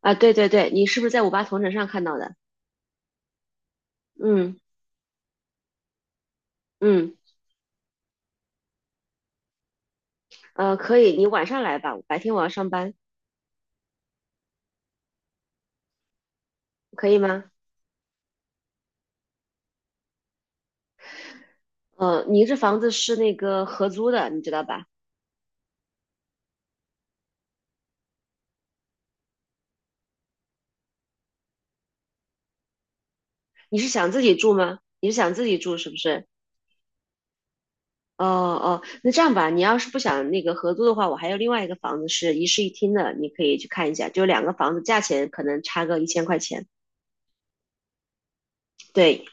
啊，对对对，你是不是在五八同城上看到的？嗯嗯，可以，你晚上来吧，白天我要上班，可以吗？你这房子是那个合租的，你知道吧？你是想自己住吗？你是想自己住是不是？哦哦，那这样吧，你要是不想那个合租的话，我还有另外一个房子是一室一厅的，你可以去看一下，就两个房子价钱可能差个1000块钱。对，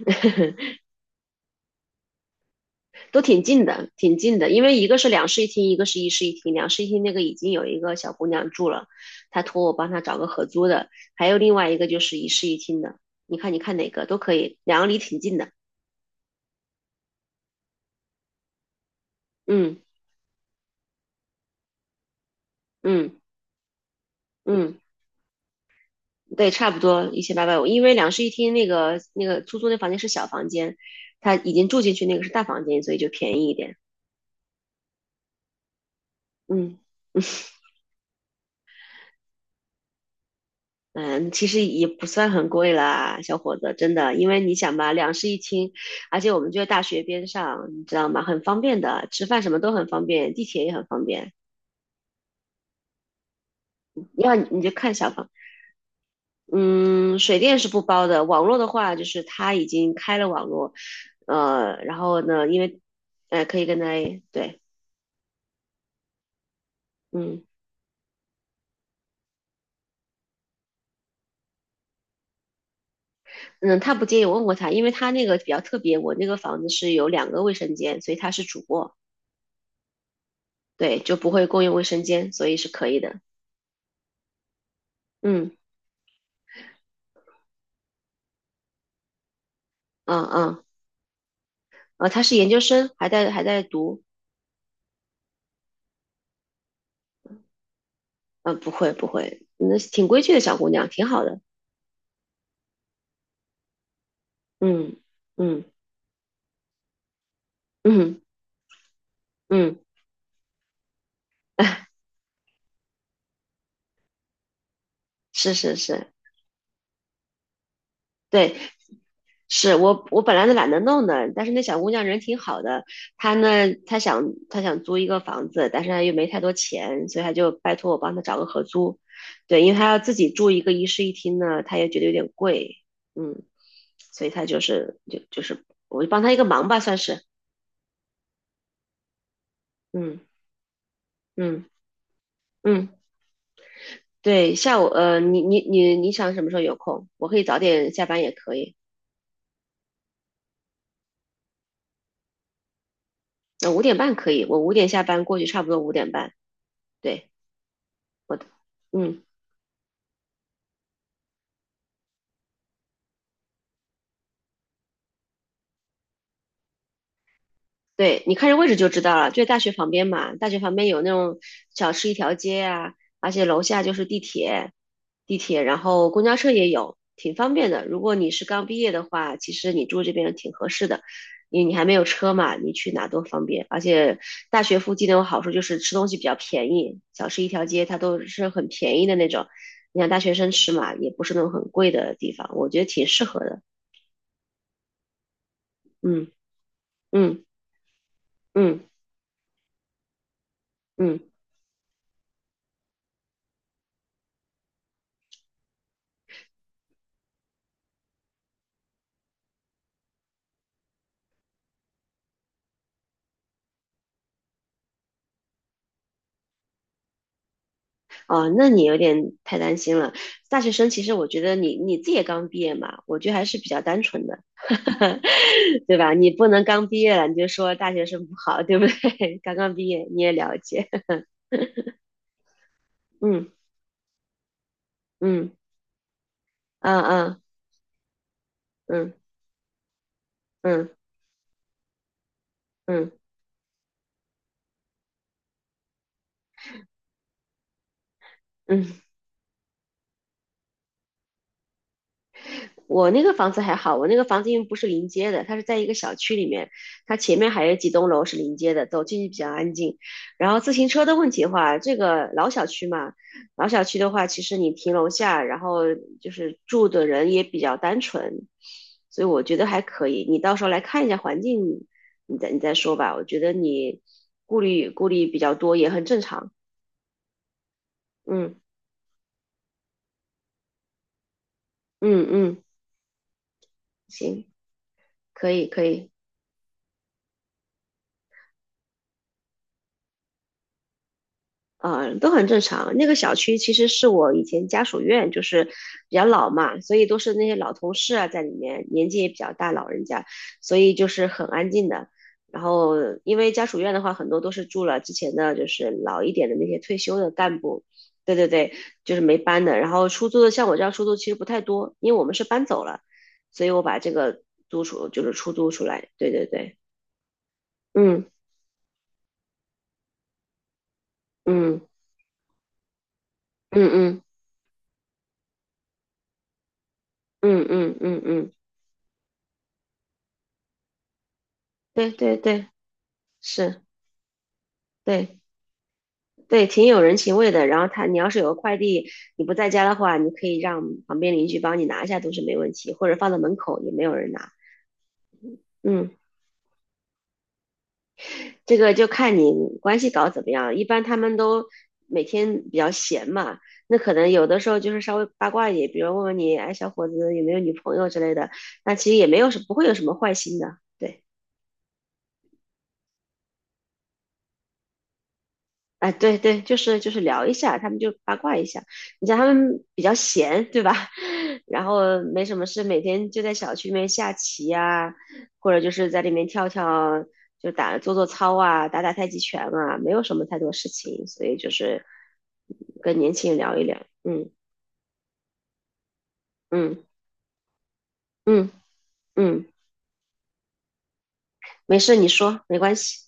都挺近的，挺近的，因为一个是两室一厅，一个是一室一厅。两室一厅那个已经有一个小姑娘住了，她托我帮她找个合租的，还有另外一个就是一室一厅的。你看，你看哪个都可以，两个离挺近的。嗯嗯嗯，对，差不多1850。因为两室一厅那个出租那房间是小房间，她已经住进去那个是大房间，所以就便宜一点。嗯嗯嗯，其实也不算很贵啦，小伙子，真的，因为你想吧，两室一厅，而且我们就在大学边上，你知道吗？很方便的，吃饭什么都很方便，地铁也很方便。要你你就看小房，嗯，水电是不包的，网络的话就是他已经开了网络，呃，然后呢，因为，呃，可以跟他，对，嗯嗯，他不介意，我问过他，因为他那个比较特别，我那个房子是有两个卫生间，所以他是主卧，对，就不会共用卫生间，所以是可以的，嗯。嗯嗯，她是研究生，还在读，嗯，不会不会，那挺规矩的小姑娘，挺好的，嗯嗯嗯嗯，哎，是是是，对，是我本来都懒得弄的，但是那小姑娘人挺好的，她呢，她想她想租一个房子，但是她又没太多钱，所以她就拜托我帮她找个合租，对，因为她要自己住一个一室一厅呢，她也觉得有点贵，嗯，所以她就是我就帮她一个忙吧，算是，嗯嗯。嗯，对，下午，你想什么时候有空？我可以早点下班也可以，那五点半可以，我五点下班过去，差不多五点半。对，我的，嗯。对，你看这位置就知道了，就在大学旁边嘛。大学旁边有那种小吃一条街啊，而且楼下就是地铁，地铁，然后公交车也有，挺方便的。如果你是刚毕业的话，其实你住这边挺合适的，因为你还没有车嘛，你去哪都方便。而且大学附近那种好处就是吃东西比较便宜，小吃一条街它都是很便宜的那种。你像大学生吃嘛，也不是那种很贵的地方，我觉得挺适合的。嗯嗯嗯嗯。哦，那你有点太担心了。大学生其实我觉得你你自己也刚毕业嘛，我觉得还是比较单纯的，对吧？你不能刚毕业了你就说大学生不好，对不对？刚刚毕业你也了解，嗯嗯嗯嗯嗯嗯嗯嗯。嗯嗯，我那个房子还好，我那个房子因为不是临街的，它是在一个小区里面，它前面还有几栋楼是临街的，走进去比较安静。然后自行车的问题的话，这个老小区嘛，老小区的话，其实你停楼下，然后就是住的人也比较单纯，所以我觉得还可以。你到时候来看一下环境，你再说吧。我觉得你顾虑比较多也很正常。嗯嗯嗯，行，可以可以。都很正常。那个小区其实是我以前家属院，就是比较老嘛，所以都是那些老同事啊在里面，年纪也比较大，老人家，所以就是很安静的。然后，因为家属院的话，很多都是住了之前的就是老一点的那些退休的干部，对对对，就是没搬的。然后出租的，像我这样出租其实不太多，因为我们是搬走了，所以我把这个租出就是出租出来，对对对，嗯嗯嗯嗯嗯嗯嗯嗯，对对对，是。对对，挺有人情味的。然后他，你要是有个快递，你不在家的话，你可以让旁边邻居帮你拿一下，都是没问题，或者放在门口也没有人拿。嗯，这个就看你关系搞怎么样。一般他们都每天比较闲嘛，那可能有的时候就是稍微八卦一点，比如问问你，哎，小伙子有没有女朋友之类的，那其实也没有什不会有什么坏心的。对。哎，对对，就是聊一下，他们就八卦一下。你像他们比较闲，对吧？然后没什么事，每天就在小区里面下棋呀、或者就是在里面跳跳，做做操啊，打打太极拳啊，没有什么太多事情，所以就是跟年轻人聊一聊。嗯嗯嗯嗯嗯，没事，你说没关系。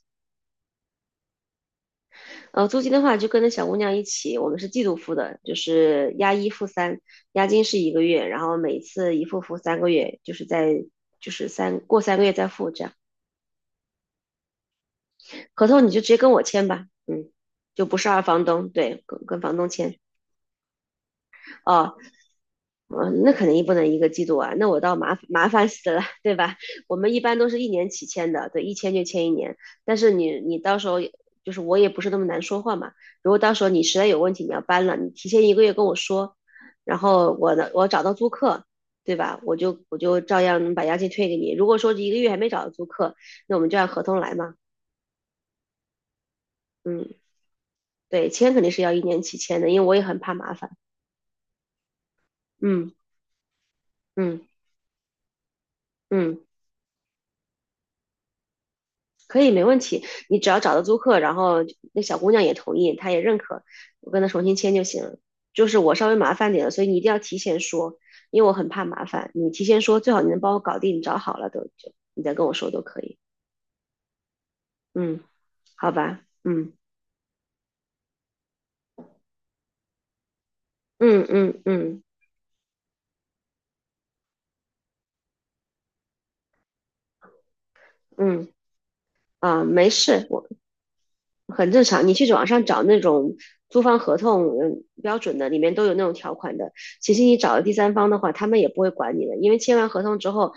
租金的话就跟着小姑娘一起，我们是季度付的，就是押一付三，押金是一个月，然后每次一付三个月，就是在就是三过三个月再付这样。合同你就直接跟我签吧，嗯，就不是二房东，对，跟房东签。哦，嗯，那肯定不能一个季度啊，那我倒麻烦死了，对吧？我们一般都是一年起签的，对，一签就签一年。但是你你到时候也就是我也不是那么难说话嘛，如果到时候你实在有问题你要搬了，你提前一个月跟我说，然后我的我找到租客，对吧？我就照样把押金退给你。如果说一个月还没找到租客，那我们就按合同来嘛。嗯，对，签肯定是要一年起签的，因为我也很怕麻烦。嗯嗯嗯。可以，没问题。你只要找到租客，然后那小姑娘也同意，她也认可，我跟她重新签就行了。就是我稍微麻烦点了，所以你一定要提前说，因为我很怕麻烦。你提前说，最好你能帮我搞定，你找好了都就你再跟我说都可以。嗯，好吧，嗯嗯嗯嗯嗯，啊，没事，很正常。你去网上找那种租房合同，嗯，标准的里面都有那种条款的。其实你找了第三方的话，他们也不会管你的，因为签完合同之后，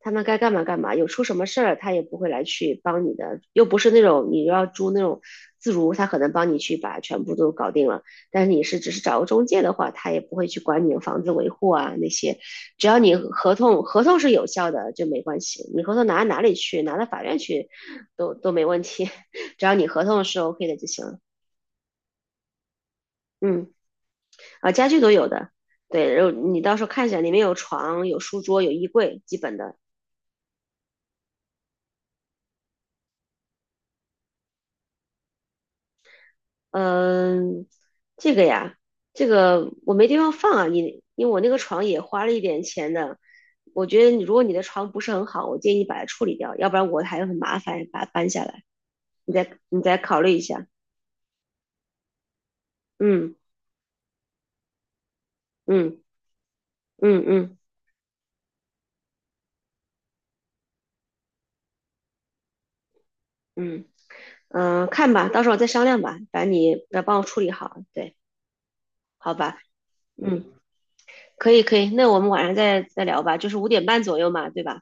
他们该干嘛干嘛，有出什么事儿他也不会来去帮你的，又不是那种你要租那种自如，他可能帮你去把全部都搞定了。但是你是只是找个中介的话，他也不会去管你的房子维护啊那些，只要你合同是有效的就没关系，你合同拿到哪里去，拿到法院去都没问题。只要你合同是 OK 的就行了。嗯，啊，家具都有的，对，然后你到时候看一下，里面有床、有书桌、有衣柜，基本的。嗯，这个呀，这个我没地方放啊，你因为我那个床也花了一点钱的。我觉得你如果你的床不是很好，我建议你把它处理掉，要不然我还很麻烦把它搬下来。你再考虑一下。嗯嗯嗯嗯嗯嗯，看吧，到时候再商量吧。反正你要帮我处理好，对，好吧，嗯。可以可以，那我们晚上再聊吧，就是五点半左右嘛，对吧？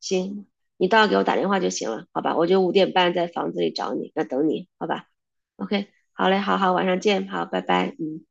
行，你到时候给我打电话就行了，好吧？我就五点半在房子里找你，那等你，好吧？OK，好嘞，好好，晚上见，好，拜拜，嗯。